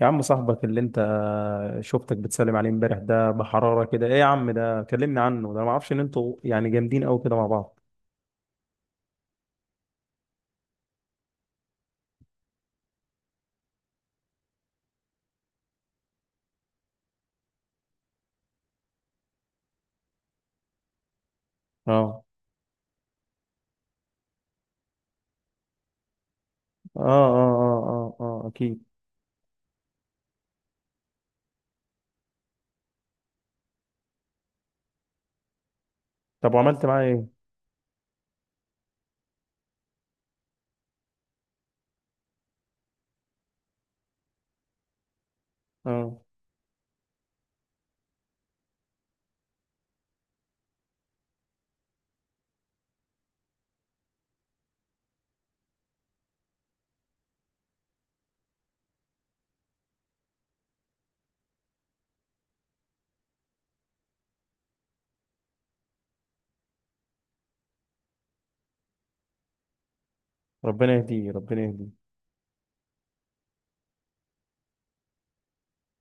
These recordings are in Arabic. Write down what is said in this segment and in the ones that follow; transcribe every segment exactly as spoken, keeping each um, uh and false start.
يا عم، صاحبك اللي انت شفتك بتسلم عليه امبارح ده بحرارة كده ايه؟ يا عم، ده كلمني عنه، ده ما اعرفش ان انتوا يعني جامدين قوي كده مع بعض. اه اه اه اه اه، آه اكيد. طب وعملت معاه ايه؟ اه، ربنا يهديه ربنا يهديه.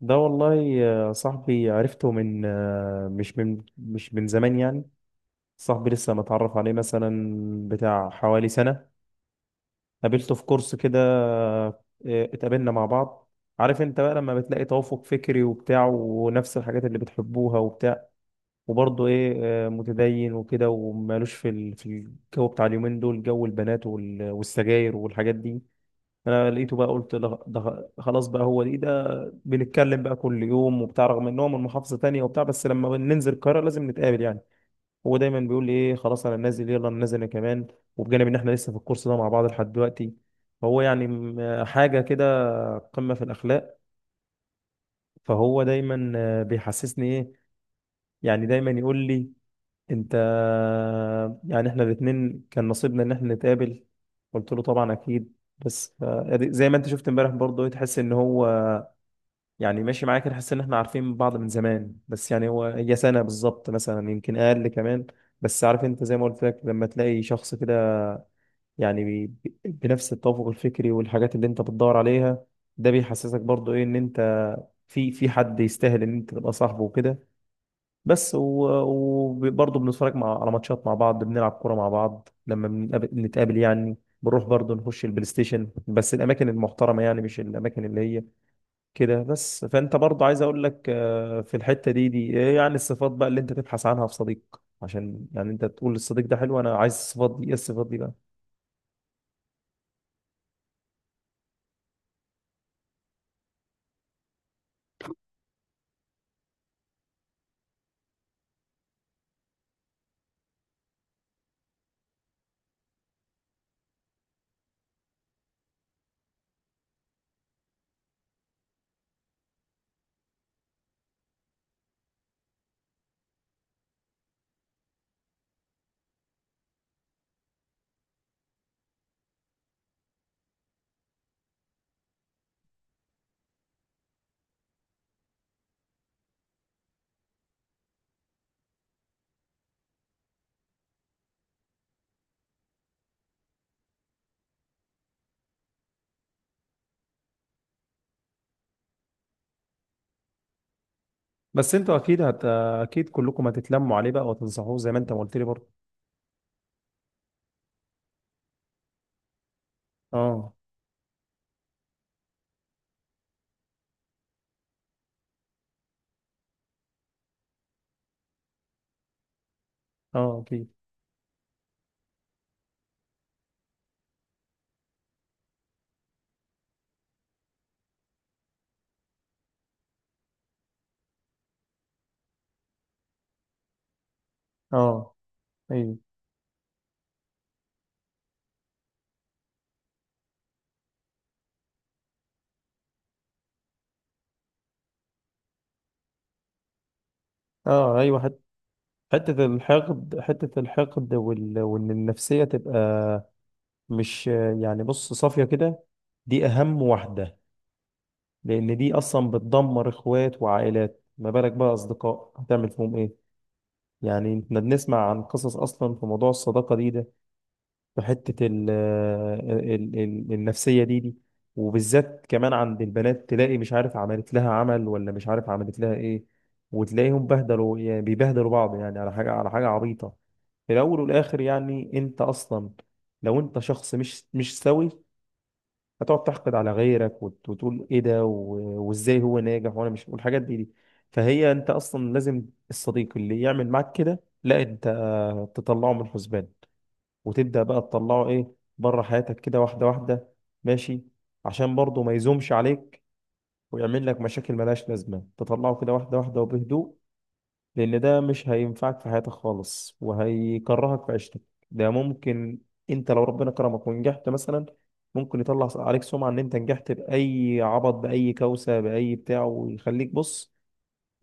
ده والله يا صاحبي عرفته من آه، مش من مش من زمان يعني. صاحبي لسه متعرف عليه مثلا بتاع حوالي سنة. قابلته في كورس كده، إيه، اتقابلنا مع بعض. عارف انت بقى لما بتلاقي توافق فكري وبتاع ونفس الحاجات اللي بتحبوها وبتاع وبرضه ايه، آه، متدين وكده ومالوش في ال- في الجو بتاع اليومين دول، جو البنات وال- والسجاير والحاجات دي. انا لقيته بقى قلت لا، ده خلاص بقى، هو دي ده. بنتكلم بقى كل يوم وبتاع رغم ان هو من محافظة تانية وبتاع بس لما ننزل القاهرة لازم نتقابل يعني. هو دايما بيقول لي ايه، خلاص انا نازل، يلا انا نازل انا كمان. وبجانب ان احنا لسه في الكورس ده مع بعض لحد دلوقتي، فهو يعني م- حاجه كده، قمه في الاخلاق. فهو دايما آه، بيحسسني ايه، يعني دايما يقول لي انت، يعني احنا الاثنين كان نصيبنا ان احنا نتقابل. قلت له طبعا اكيد. بس ف- زي ما انت شفت امبارح برضه، إيه، تحس ان هو يعني ماشي معايا كده، تحس ان احنا عارفين بعض من زمان، بس يعني هو هي سنه بالظبط مثلا يمكن اقل كمان. بس عارف انت زي ما قلت لك لما تلاقي شخص كده، يعني بي- بي- بنفس التوافق الفكري والحاجات اللي انت بتدور عليها، ده بيحسسك برضو ايه، ان انت في في حد يستاهل ان انت تبقى صاحبه وكده. بس وبرضه بنتفرج مع على ماتشات مع بعض، بنلعب كوره مع بعض لما بنقابل- بنتقابل يعني، بنروح برضه نخش البلاي ستيشن، بس الاماكن المحترمه يعني مش الاماكن اللي هي كده. بس فانت برضه عايز اقول لك، آه، في الحته دي دي إيه يعني، الصفات بقى اللي انت تبحث عنها في صديق عشان يعني انت تقول الصديق ده حلو، انا عايز الصفات دي، ايه الصفات دي بقى؟ بس انتوا اكيد هت... اكيد كلكم هتتلموا عليه بقى وتنصحوه زي ما انت ما قلت لي برضه. اه. اه اكيد. اه ايوه. اه ايوه، حت... حته الحقد، حته الحقد وال... وان النفسيه تبقى مش، يعني بص، صافيه كده. دي اهم واحده، لان دي اصلا بتدمر اخوات وعائلات، ما بالك بقى اصدقاء هتعمل فيهم ايه. يعني احنا بنسمع عن قصص اصلا في موضوع الصداقه دي ده، في حتة ال ال ال النفسية دي دي، وبالذات كمان عند البنات تلاقي مش عارف عملت لها عمل ولا مش عارف عملت لها ايه، وتلاقيهم بهدلوا يعني بيبهدلوا بعض يعني على حاجة على حاجة عبيطة. في الأول والآخر يعني أنت أصلا لو أنت شخص مش مش سوي هتقعد تحقد على غيرك وت- وتقول ايه ده و- وازاي هو ناجح وانا مش والحاجات دي دي. فهي انت اصلا لازم، الصديق اللي يعمل معاك كده لا انت تطلعه من الحسبان، وتبدأ بقى تطلعه ايه، بره حياتك كده واحدة واحدة، ماشي، عشان برضه ما يزومش عليك ويعمل لك مشاكل ملهاش لازمة، تطلعه كده واحدة واحدة وبهدوء، لأن ده مش هينفعك في حياتك خالص وهيكرهك في عيشتك. ده ممكن، انت لو ربنا كرمك ونجحت مثلا، ممكن يطلع عليك سمعة ان انت نجحت بأي عبط، بأي كوسة، بأي بتاع، ويخليك بص،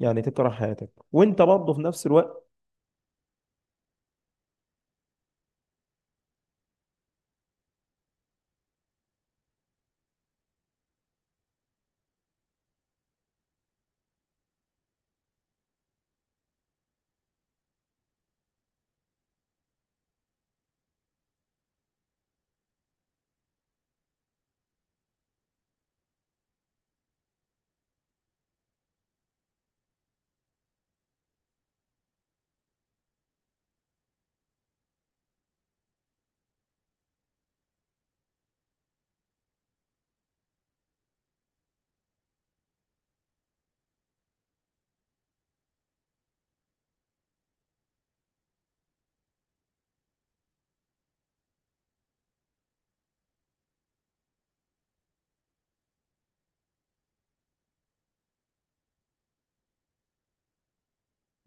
يعني تكره حياتك وانت برضه في نفس الوقت.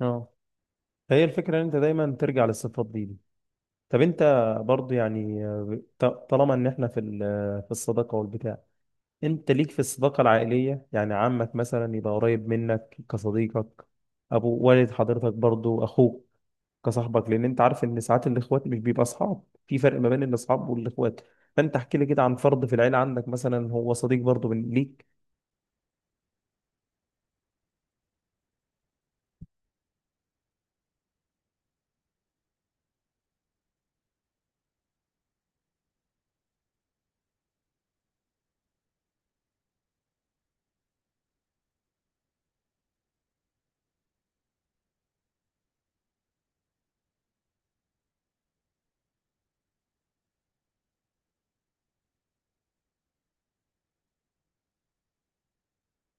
اه. فهي الفكرة ان انت دايما ترجع للصفات دي. طب انت برضو يعني ط- طالما ان احنا في ال- في الصداقه والبتاع، انت ليك في الصداقه العائليه يعني عمك مثلا يبقى قريب منك كصديقك، ابو، والد حضرتك برضو، اخوك كصاحبك، لان انت عارف ان ساعات الاخوات مش بيبقى اصحاب، في فرق ما بين الاصحاب والاخوات. فانت احكي لي كده عن فرد في العيله عندك مثلا هو صديق برضو من ليك.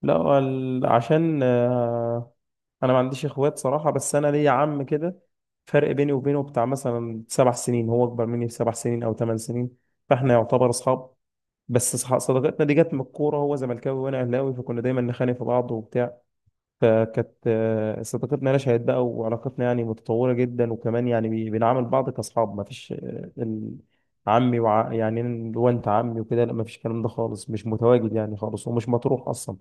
لا وال- عشان انا ما عنديش اخوات صراحه، بس انا ليا عم كده، فرق بيني وبينه بتاع مثلا سبع سنين، هو اكبر مني بسبع سنين او ثمان سنين، فاحنا يعتبر اصحاب. بس صح- صداقتنا دي جت من الكوره، هو زملكاوي وانا اهلاوي، فكنا دايما نخانق في بعض وبتاع. فكانت آه، صداقتنا نشأت بقى، وعلاقتنا يعني متطوره جدا، وكمان يعني بي- بنعامل بعض كاصحاب، ما فيش آه، ال- عمي وع... يعني اللي هو انت عمي وكده، لا ما فيش، الكلام ده خالص مش متواجد يعني خالص ومش مطروح اصلا.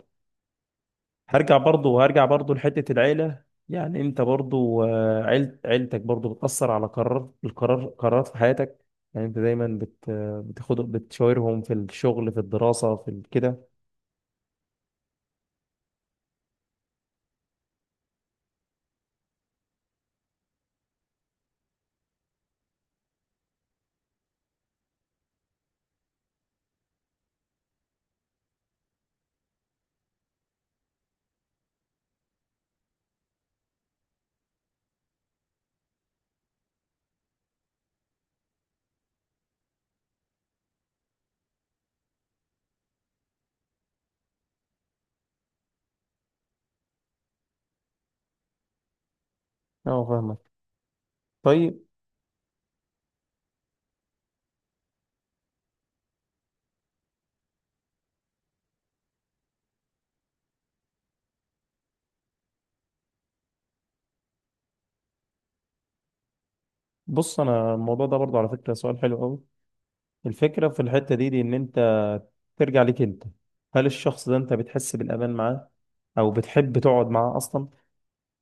هرجع برضو هرجع برضو لحتة العيلة يعني، انت برضو آه، عيل عيلتك برضو بتأثر على قرار القرار قرارات في حياتك يعني، انت دايما بت بتاخد بتشاورهم في الشغل، في الدراسة، في ال- كده. اه فاهمك. طيب، بص انا الموضوع ده برضو على فكرة سؤال حلو قوي. الفكرة في الحتة دي دي ان انت ترجع ليك انت، هل الشخص ده انت بتحس بالأمان معاه او بتحب تقعد معاه اصلا؟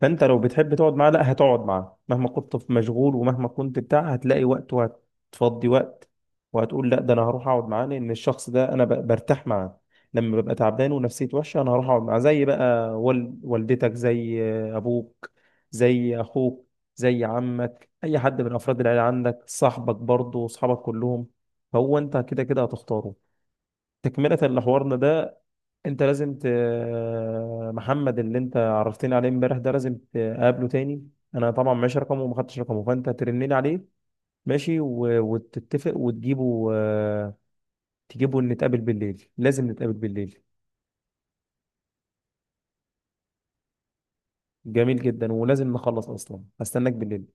فانت لو بتحب تقعد معاه، لا هتقعد معاه مهما كنت في مشغول ومهما كنت بتاع، هتلاقي وقت وهتفضي وقت وهتقول لا ده انا هروح اقعد معاه لان الشخص ده انا ب- برتاح معاه، لما ببقى تعبان ونفسيتي وحشه انا هروح اقعد معاه. زي بقى وال... والدتك، زي ابوك، زي اخوك، زي عمك، اي حد من افراد العيله عندك صاحبك برضه، واصحابك كلهم. فهو انت كده كده هتختاره. تكمله لحوارنا ده، انت لازم ت... محمد اللي انت عرفتني عليه امبارح ده لازم تقابله تاني. انا طبعا معيش رقمه وما خدتش رقمه، فانت هترن لي عليه، ماشي، و... وتتفق وتجيبه آه، تجيبه نتقابل بالليل، لازم نتقابل بالليل. جميل جدا ولازم نخلص اصلا، هستناك بالليل.